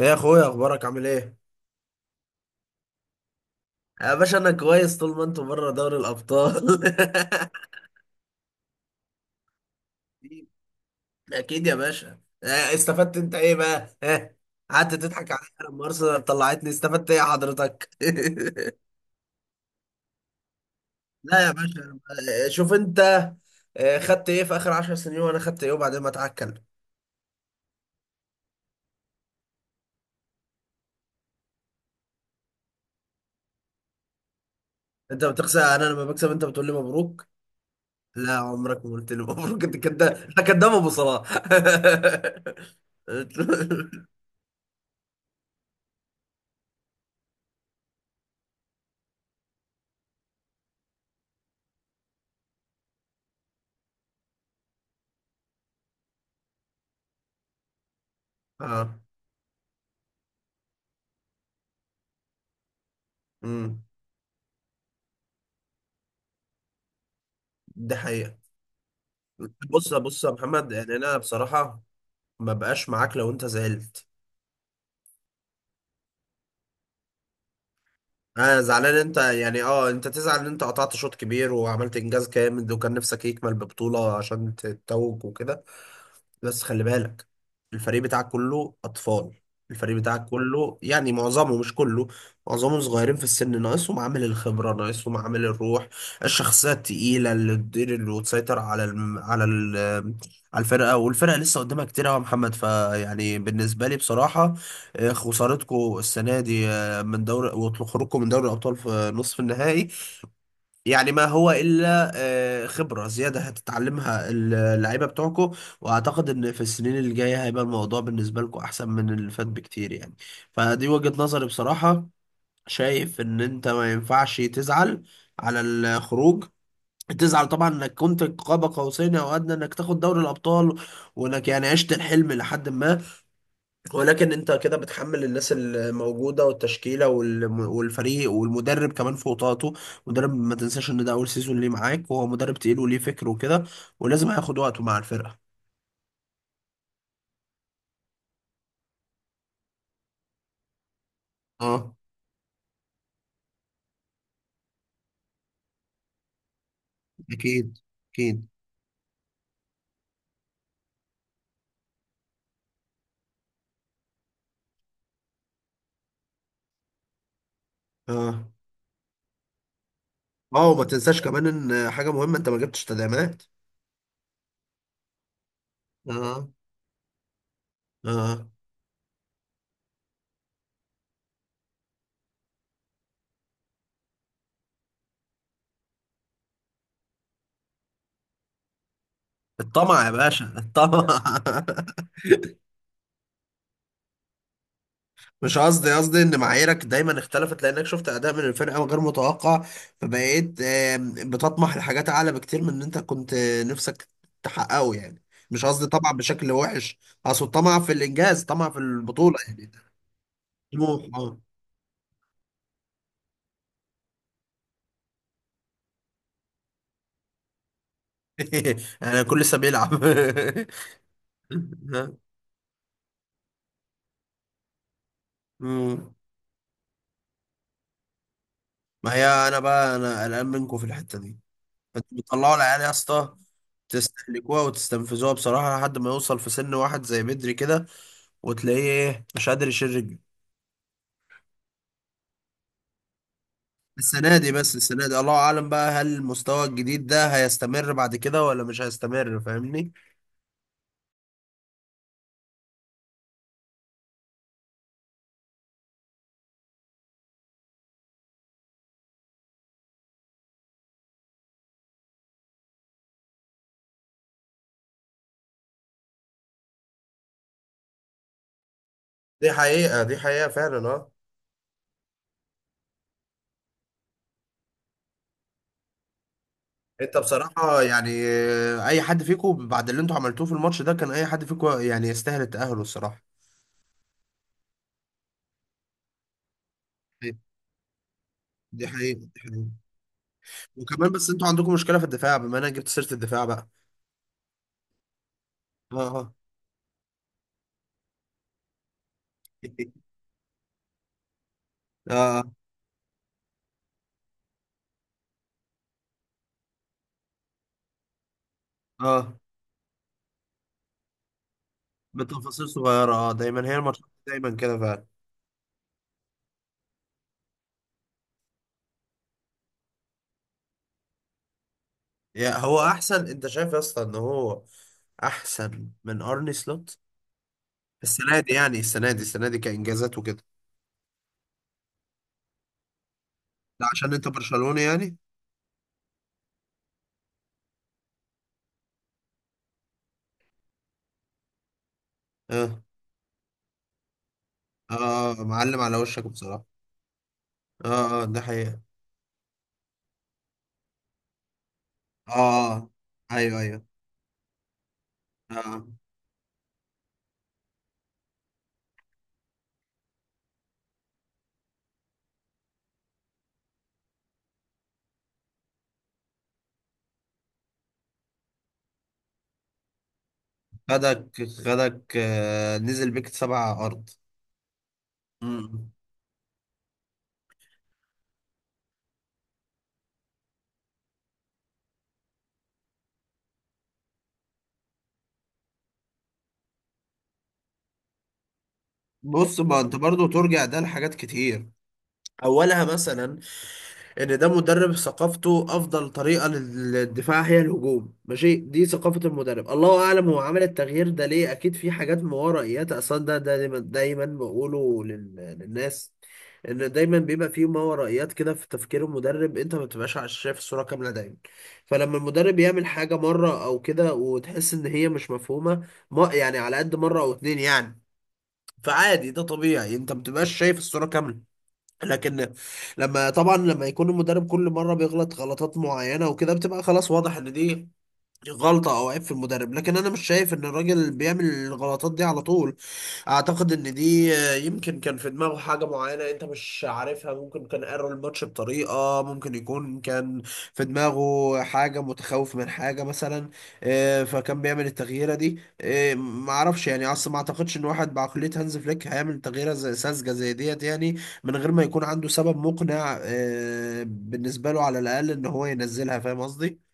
ايه يا اخويا، اخبارك؟ عامل ايه؟ يا باشا، انا كويس طول ما انتوا بره دوري الابطال. اكيد يا باشا، استفدت انت ايه بقى؟ ها؟ قعدت تضحك عليا لما ارسنال طلعتني، استفدت ايه يا حضرتك؟ لا يا باشا. شوف انت. خدت ايه في اخر 10 سنين وانا خدت ايه وبعدين ما اتعكل. انت بتخسر. انا لما بكسب انت بتقول لي مبروك. لا، عمرك ما قلت لي مبروك. انت كداب، انت كداب ابو صلاح. اه. امم ده حقيقة. بص بص يا محمد، يعني انا بصراحه ما بقاش معاك لو انت زعلت. انا زعلان انت، يعني اه، انت تزعل ان انت قطعت شوط كبير وعملت انجاز جامد وكان نفسك يكمل ببطوله عشان تتوج وكده. بس خلي بالك، الفريق بتاعك كله أطفال. الفريق بتاعك، كله، يعني معظمه مش كله. معظمه صغيرين في السن، ناقصهم عامل الخبرة، ناقصهم عامل الروح. الشخصية التقيلة اللي تدير اللي وتسيطر على الم... على ال... على الفرقة، والفرقة لسه قدامها كتير أوي يا محمد، فيعني بالنسبة لي بصراحة، خسارتكم السنة دي، من دوري، وخروجكم من دوري الأبطال في نصف النهائي، يعني ما هو إلا خبرة زيادة هتتعلمها اللعيبة بتوعكم. وأعتقد إن في السنين اللي جاية هيبقى الموضوع بالنسبة لكم أحسن من اللي فات بكتير يعني. فدي وجهة نظري بصراحة. شايف إن أنت ما ينفعش تزعل على الخروج. تزعل طبعا انك كنت قاب قوسين او ادنى انك تاخد دوري الابطال، وانك يعني عشت الحلم لحد ما، ولكن انت كده بتحمل الناس الموجوده والتشكيله والفريق والمدرب كمان فوق طاقته. مدرب، ما تنساش ان ده اول سيزون ليه معاك، وهو مدرب تقيل وليه فكر وكده. ولازم هياخد وقته مع الفرقه. اه، اكيد، اكيد. اه، اه، وما تنساش كمان ان حاجه مهمه، انت ما جبتش تدعيمات. اه. اه. الطمع يا باشا، الطمع. مش قصدي، قصدي ان معاييرك دايما اختلفت لانك شفت اداء من الفرقه غير متوقع. فبقيت بتطمح لحاجات اعلى بكتير من ان انت كنت نفسك تحققه يعني. مش قصدي طمع بشكل وحش، اقصد طمع في الانجاز، طمع في البطوله يعني، ده طموح، اه. انا كل لسه بيلعب. مم. ما هي انا بقى، انا قلقان منكم في الحته دي. انتوا بتطلعوا العيال يا اسطى، تستهلكوها وتستنفذوها بصراحه لحد ما يوصل في سن، واحد زي بدري كده، وتلاقيه، ايه، مش قادر يشيل رجله. السنة دي، بس السنة دي الله أعلم بقى، هل المستوى الجديد ده هيستمر بعد كده ولا مش هيستمر، فاهمني؟ دي حقيقة، دي حقيقة فعلا. اه. انت بصراحة يعني، أي حد فيكم بعد اللي انتوا عملتوه في الماتش ده، كان أي حد فيكم يعني يستاهل التأهل الصراحة. طيب، دي حقيقة، دي حقيقة. وكمان بس انتوا عندكم مشكلة في الدفاع، بما انا جبت سيرة الدفاع بقى. اه، اه. اه، اه، بتفاصيل صغيرة، اه، دايما هي الماتشات دايما كده فعلا. يا هو احسن، انت شايف يا اسطى ان هو احسن من ارني سلوت السنه دي، يعني السنه دي، السنه دي كانجازات وكده. لا، عشان انت برشلوني يعني. اه، اه، معلم على وشك بصراحه. اه، اه، ده حقيقه. اه، ايوه، ايوه. اه، خدك، خدك نزل بيك سبع ارض. مم. بص، ما انت برضو ترجع ده لحاجات كتير. اولها مثلا، ان ده مدرب ثقافته افضل طريقه للدفاع هي الهجوم، ماشي، دي ثقافه المدرب. الله اعلم هو عمل التغيير ده ليه. اكيد في حاجات مورائيات اصلا، ده دايما دايما بقوله للناس، ان دايما بيبقى في مورائيات كده في تفكير المدرب، انت ما بتبقاش شايف الصوره كامله دايما. فلما المدرب يعمل حاجه مره او كده وتحس ان هي مش مفهومه، ما يعني على قد مره او اتنين يعني. فعادي، ده طبيعي، انت ما بتبقاش شايف الصوره كامله. لكن، لما طبعا لما يكون المدرب كل مره بيغلط غلطات معينه وكده، بتبقى خلاص واضح ان دي غلطة أو عيب في المدرب. لكن أنا مش شايف إن الراجل بيعمل الغلطات دي على طول. أعتقد إن دي، يمكن كان في دماغه حاجة معينة أنت مش عارفها. ممكن كان قرر الماتش بطريقة، ممكن يكون كان في دماغه حاجة متخوف من حاجة مثلا. فكان بيعمل التغييرة دي. معرفش يعني. أصلا ما أعتقدش إن واحد بعقلية هانز فليك هيعمل تغييرة زي ساذجة زي ديت يعني، من غير ما يكون عنده سبب مقنع، بالنسبة له على الأقل، إن هو ينزلها. فاهم قصدي؟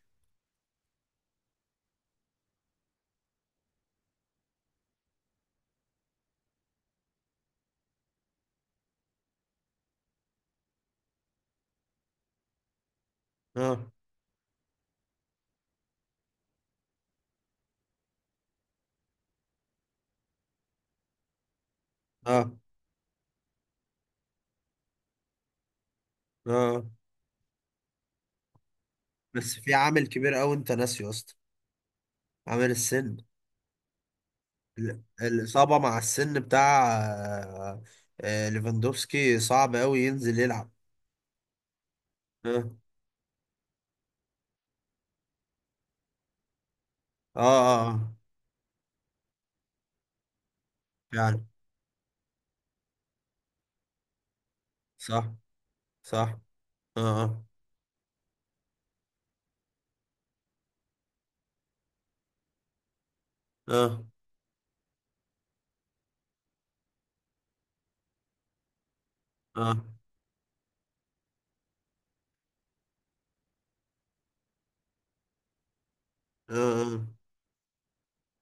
اه، اه، اه. بس في عامل كبير قوي انت ناسيه يا اسطى. عامل السن. الإصابة مع السن بتاع، ليفاندوفسكي صعب قوي ينزل يلعب. اه، اه، اه. آه. فعلا. صح، صح. اه، اه، اه، اه. آه. اه.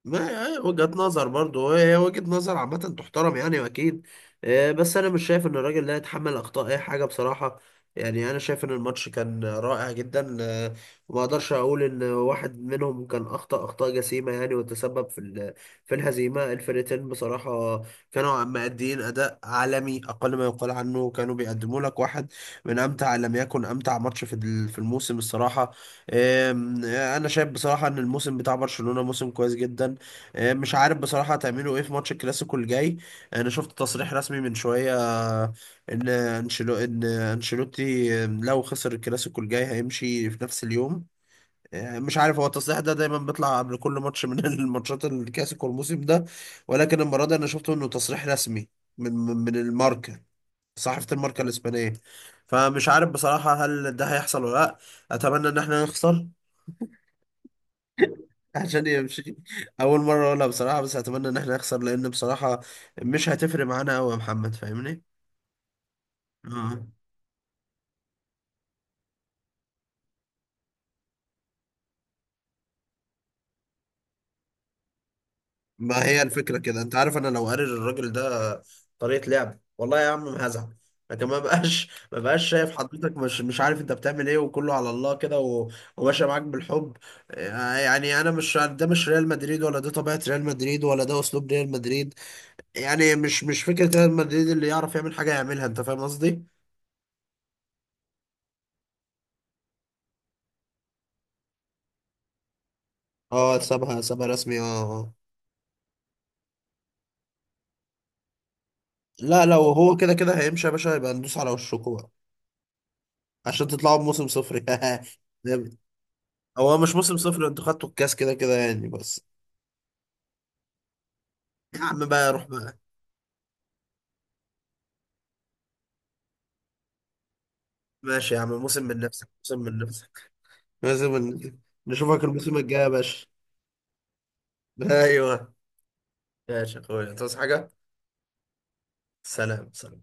ما هي وجهة نظر برضه، هي وجهة نظر عامة تحترم يعني، أكيد. بس أنا مش شايف إن الراجل ده يتحمل أخطاء أي حاجة بصراحة. يعني أنا شايف إن الماتش كان رائع جدا، وما أقدرش أقول إن واحد منهم كان أخطأ أخطاء جسيمة، يعني، وتسبب في الهزيمة. الفرقتين بصراحة كانوا مأدين أداء عالمي أقل ما يقال عنه، كانوا بيقدموا لك واحد من أمتع، إن لم يكن أمتع، ماتش في الموسم الصراحة. آم، آه، أنا شايف بصراحة إن الموسم بتاع برشلونة موسم كويس جدا. مش عارف بصراحة هتعملوا ايه في ماتش الكلاسيكو الجاي. انا شفت تصريح رسمي من شوية، ان انشيلوتي لو خسر الكلاسيكو الجاي هيمشي في نفس اليوم. مش عارف هو التصريح ده دايما بيطلع قبل كل ماتش من الماتشات الكلاسيكو الموسم ده. ولكن المرة دي انا شفته انه تصريح رسمي من الماركة، صحيفة الماركة الإسبانية. فمش عارف بصراحة هل ده هيحصل ولا لأ. أتمنى إن احنا نخسر عشان يمشي. اول مره اقولها بصراحه، بس اتمنى ان احنا نخسر لان بصراحه مش هتفرق معانا قوي يا محمد، فاهمني. اه، ما هي الفكره كده، انت عارف، انا لو قاري الراجل ده طريقه لعب والله يا عم ما هزعل، لكن ما بقاش شايف حضرتك، مش عارف انت بتعمل ايه، وكله على الله كده، وماشي معاك بالحب. يعني انا مش، ده مش ريال مدريد ولا ده طبيعه ريال مدريد ولا ده اسلوب ريال مدريد. يعني مش فكره ريال مدريد، اللي يعرف يعمل حاجه يعملها، انت فاهم قصدي. اه، سابها، سابها رسمي. اه. آه. لا، لو هو كده كده هيمشي يا باشا، هيبقى ندوس على وشكوا بقى عشان تطلعوا بموسم صفر جامد. هو مش موسم صفر، انتوا خدتوا الكاس كده كده يعني بس. يا عم بقى، روح بقى. ماشي يا عم، موسم من نفسك، موسم من نفسك، موسم من... نشوفك الموسم الجاي يا باشا. ايوه. ماشي يا اخويا، تصحى حاجة؟ سلام، سلام.